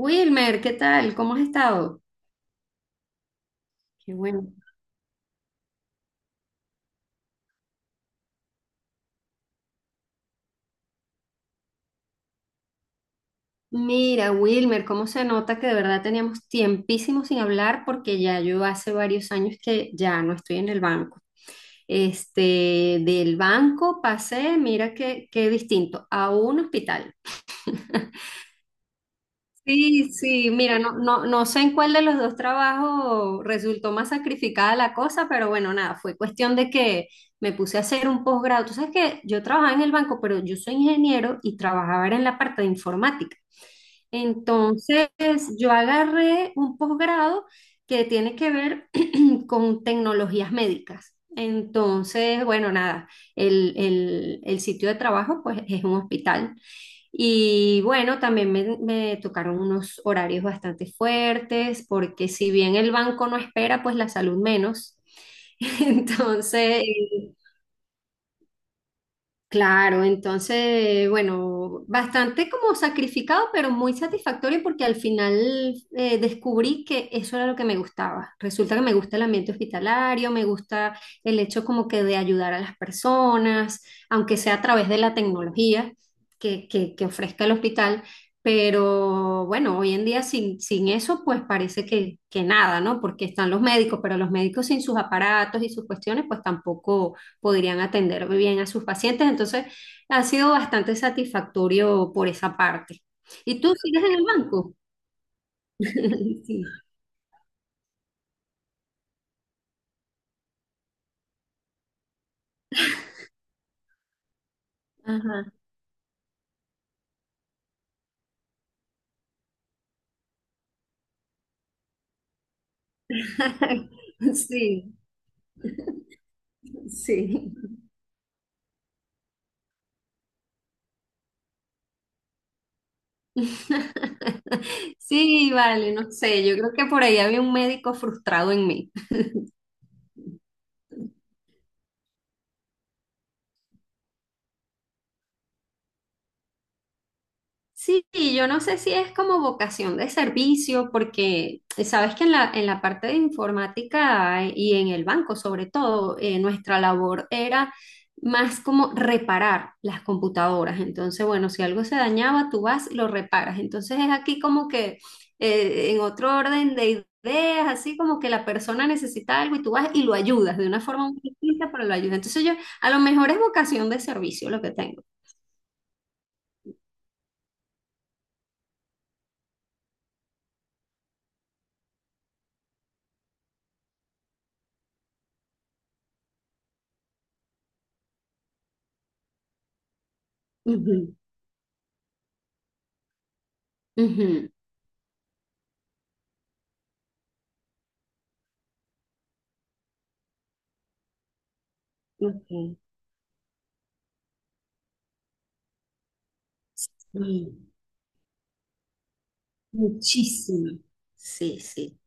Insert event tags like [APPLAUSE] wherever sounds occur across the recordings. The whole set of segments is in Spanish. Wilmer, ¿qué tal? ¿Cómo has estado? Qué bueno. Mira, Wilmer, cómo se nota que de verdad teníamos tiempísimo sin hablar porque ya yo hace varios años que ya no estoy en el banco. Del banco pasé, mira qué distinto, a un hospital. Sí, sí, mira, no, no, no sé en cuál de los dos trabajos resultó más sacrificada la cosa, pero bueno, nada, fue cuestión de que me puse a hacer un posgrado. Tú sabes que yo trabajaba en el banco, pero yo soy ingeniero y trabajaba era en la parte de informática. Entonces, yo agarré un posgrado que tiene que ver con tecnologías médicas. Entonces, bueno, nada, el sitio de trabajo pues es un hospital. Y bueno, también me tocaron unos horarios bastante fuertes, porque si bien el banco no espera, pues la salud menos. [LAUGHS] Entonces, claro, entonces, bueno, bastante como sacrificado, pero muy satisfactorio porque al final descubrí que eso era lo que me gustaba. Resulta que me gusta el ambiente hospitalario, me gusta el hecho como que de ayudar a las personas, aunque sea a través de la tecnología que ofrezca el hospital. Pero bueno, hoy en día sin eso, pues parece que nada, ¿no? Porque están los médicos, pero los médicos sin sus aparatos y sus cuestiones, pues tampoco podrían atender bien a sus pacientes. Entonces, ha sido bastante satisfactorio por esa parte. ¿Y tú sigues en el banco? [LAUGHS] Sí. Ajá. [LAUGHS] Sí, sí. [LAUGHS] Sí, vale, no sé, yo creo que por ahí había un médico frustrado en mí. [LAUGHS] Sí, yo no sé si es como vocación de servicio, porque sabes que en en la parte de informática y en el banco sobre todo, nuestra labor era más como reparar las computadoras. Entonces, bueno, si algo se dañaba, tú vas y lo reparas. Entonces es aquí como que en otro orden de ideas, así como que la persona necesita algo y tú vas y lo ayudas de una forma muy distinta, pero lo ayudas. Entonces yo, a lo mejor es vocación de servicio lo que tengo. Ujú, ujú, ok. Sí, muchísimo. Sí, sí.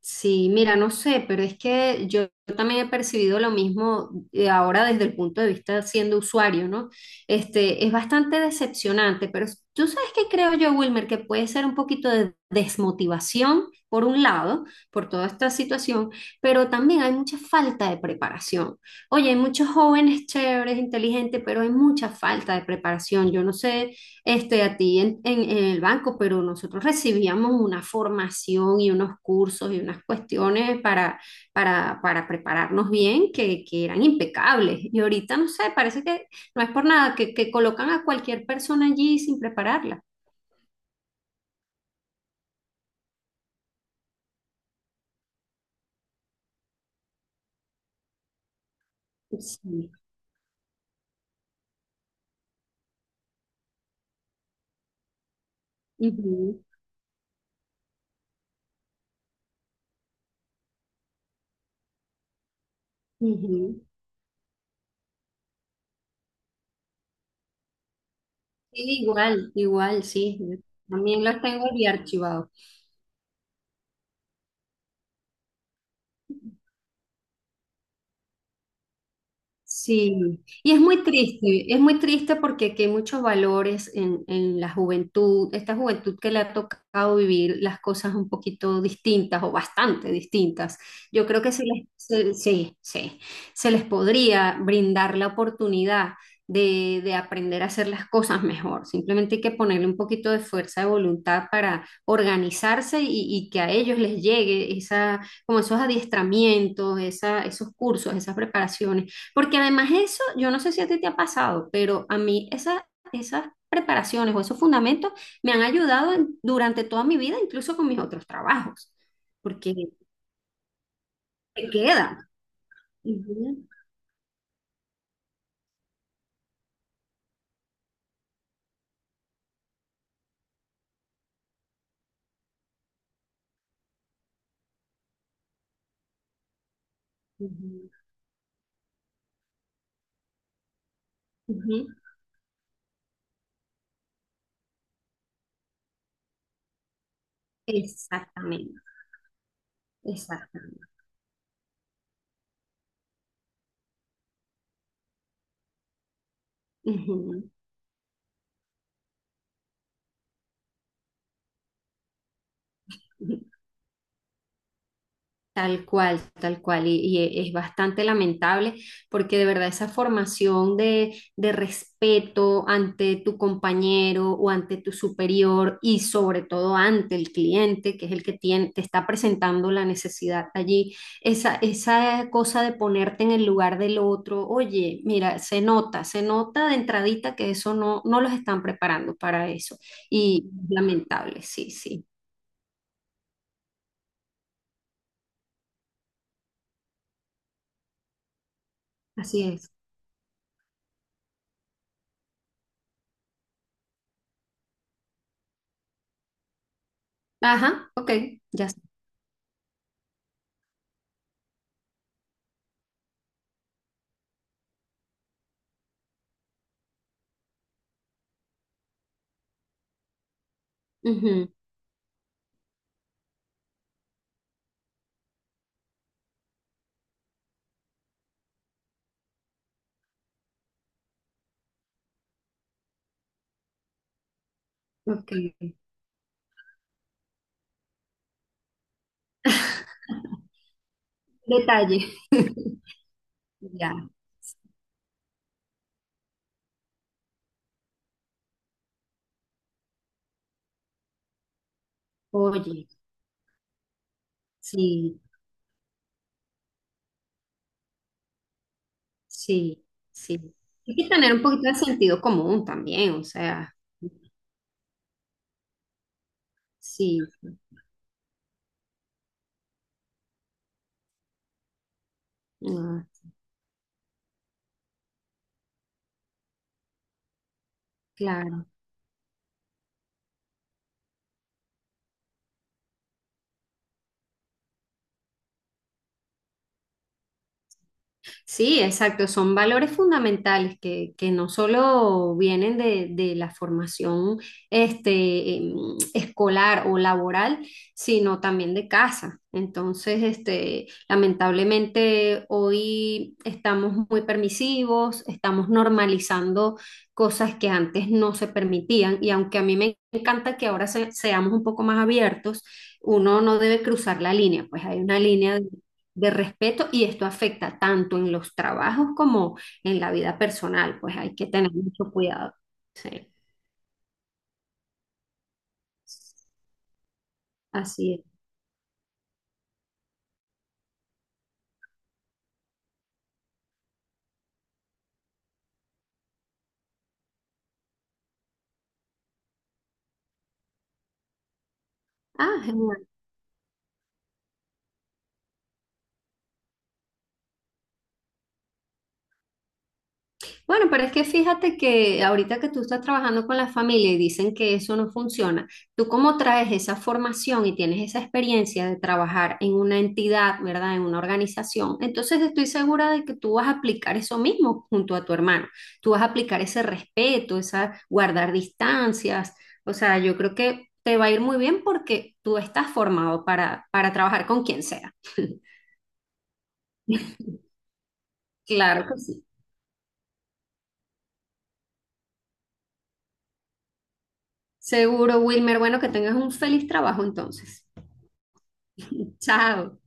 Sí, mira, no sé, pero es que yo también he percibido lo mismo ahora desde el punto de vista siendo usuario, ¿no? Es bastante decepcionante, pero tú sabes que creo yo, Wilmer, que puede ser un poquito de desmotivación, por un lado, por toda esta situación, pero también hay mucha falta de preparación. Oye, hay muchos jóvenes chéveres, inteligentes, pero hay mucha falta de preparación. Yo no sé. A ti en el banco, pero nosotros recibíamos una formación y unos cursos y unas cuestiones para prepararnos bien que eran impecables. Y ahorita, no sé, parece que no es por nada, que colocan a cualquier persona allí sin prepararla. Sí. Ujú, ujú. Sí, igual, igual, sí. También los tengo bien archivados. Sí, y es muy triste porque aquí hay muchos valores en la juventud, esta juventud que le ha tocado vivir las cosas un poquito distintas o bastante distintas. Yo creo que sí, sí, se les podría brindar la oportunidad de aprender a hacer las cosas mejor. Simplemente hay que ponerle un poquito de fuerza de voluntad para organizarse y que a ellos les llegue esa, como esos adiestramientos, esa, esos cursos, esas preparaciones porque además eso, yo no sé si a ti te ha pasado, pero a mí esas, esas preparaciones o esos fundamentos me han ayudado durante toda mi vida, incluso con mis otros trabajos, porque te quedan. Ujú, ujú, ujú. Exactamente, exactamente. Ujú, ujú. Tal cual, y, es bastante lamentable porque de verdad esa formación de respeto ante tu compañero o ante tu superior y sobre todo ante el cliente, que es el que tiene, te está presentando la necesidad allí, esa cosa de ponerte en el lugar del otro, oye, mira, se nota de entradita que eso no, no los están preparando para eso y lamentable, sí, sí, así es. Ajá, ok, ya sé. Ok. [LAUGHS] Detalle. Ya. Oye, sí, sí, sí. Hay que tener un poquito de sentido común también, o sea, sí. Ah, claro. Sí, exacto, son valores fundamentales que no solo vienen de la formación este, em, escolar o laboral, sino también de casa. Entonces, lamentablemente hoy estamos muy permisivos, estamos normalizando cosas que antes no se permitían y aunque a mí me encanta que ahora seamos un poco más abiertos, uno no debe cruzar la línea, pues hay una línea de respeto y esto afecta tanto en los trabajos como en la vida personal, pues hay que tener mucho cuidado. Sí, así es. Ah, genial. Bueno, pero es que fíjate que ahorita que tú estás trabajando con la familia y dicen que eso no funciona, tú como traes esa formación y tienes esa experiencia de trabajar en una entidad, ¿verdad? En una organización, entonces estoy segura de que tú vas a aplicar eso mismo junto a tu hermano. Tú vas a aplicar ese respeto, esa guardar distancias. O sea, yo creo que te va a ir muy bien porque tú estás formado para trabajar con quien sea. Claro que sí. Seguro, Wilmer. Bueno, que tengas un feliz trabajo entonces. Chao.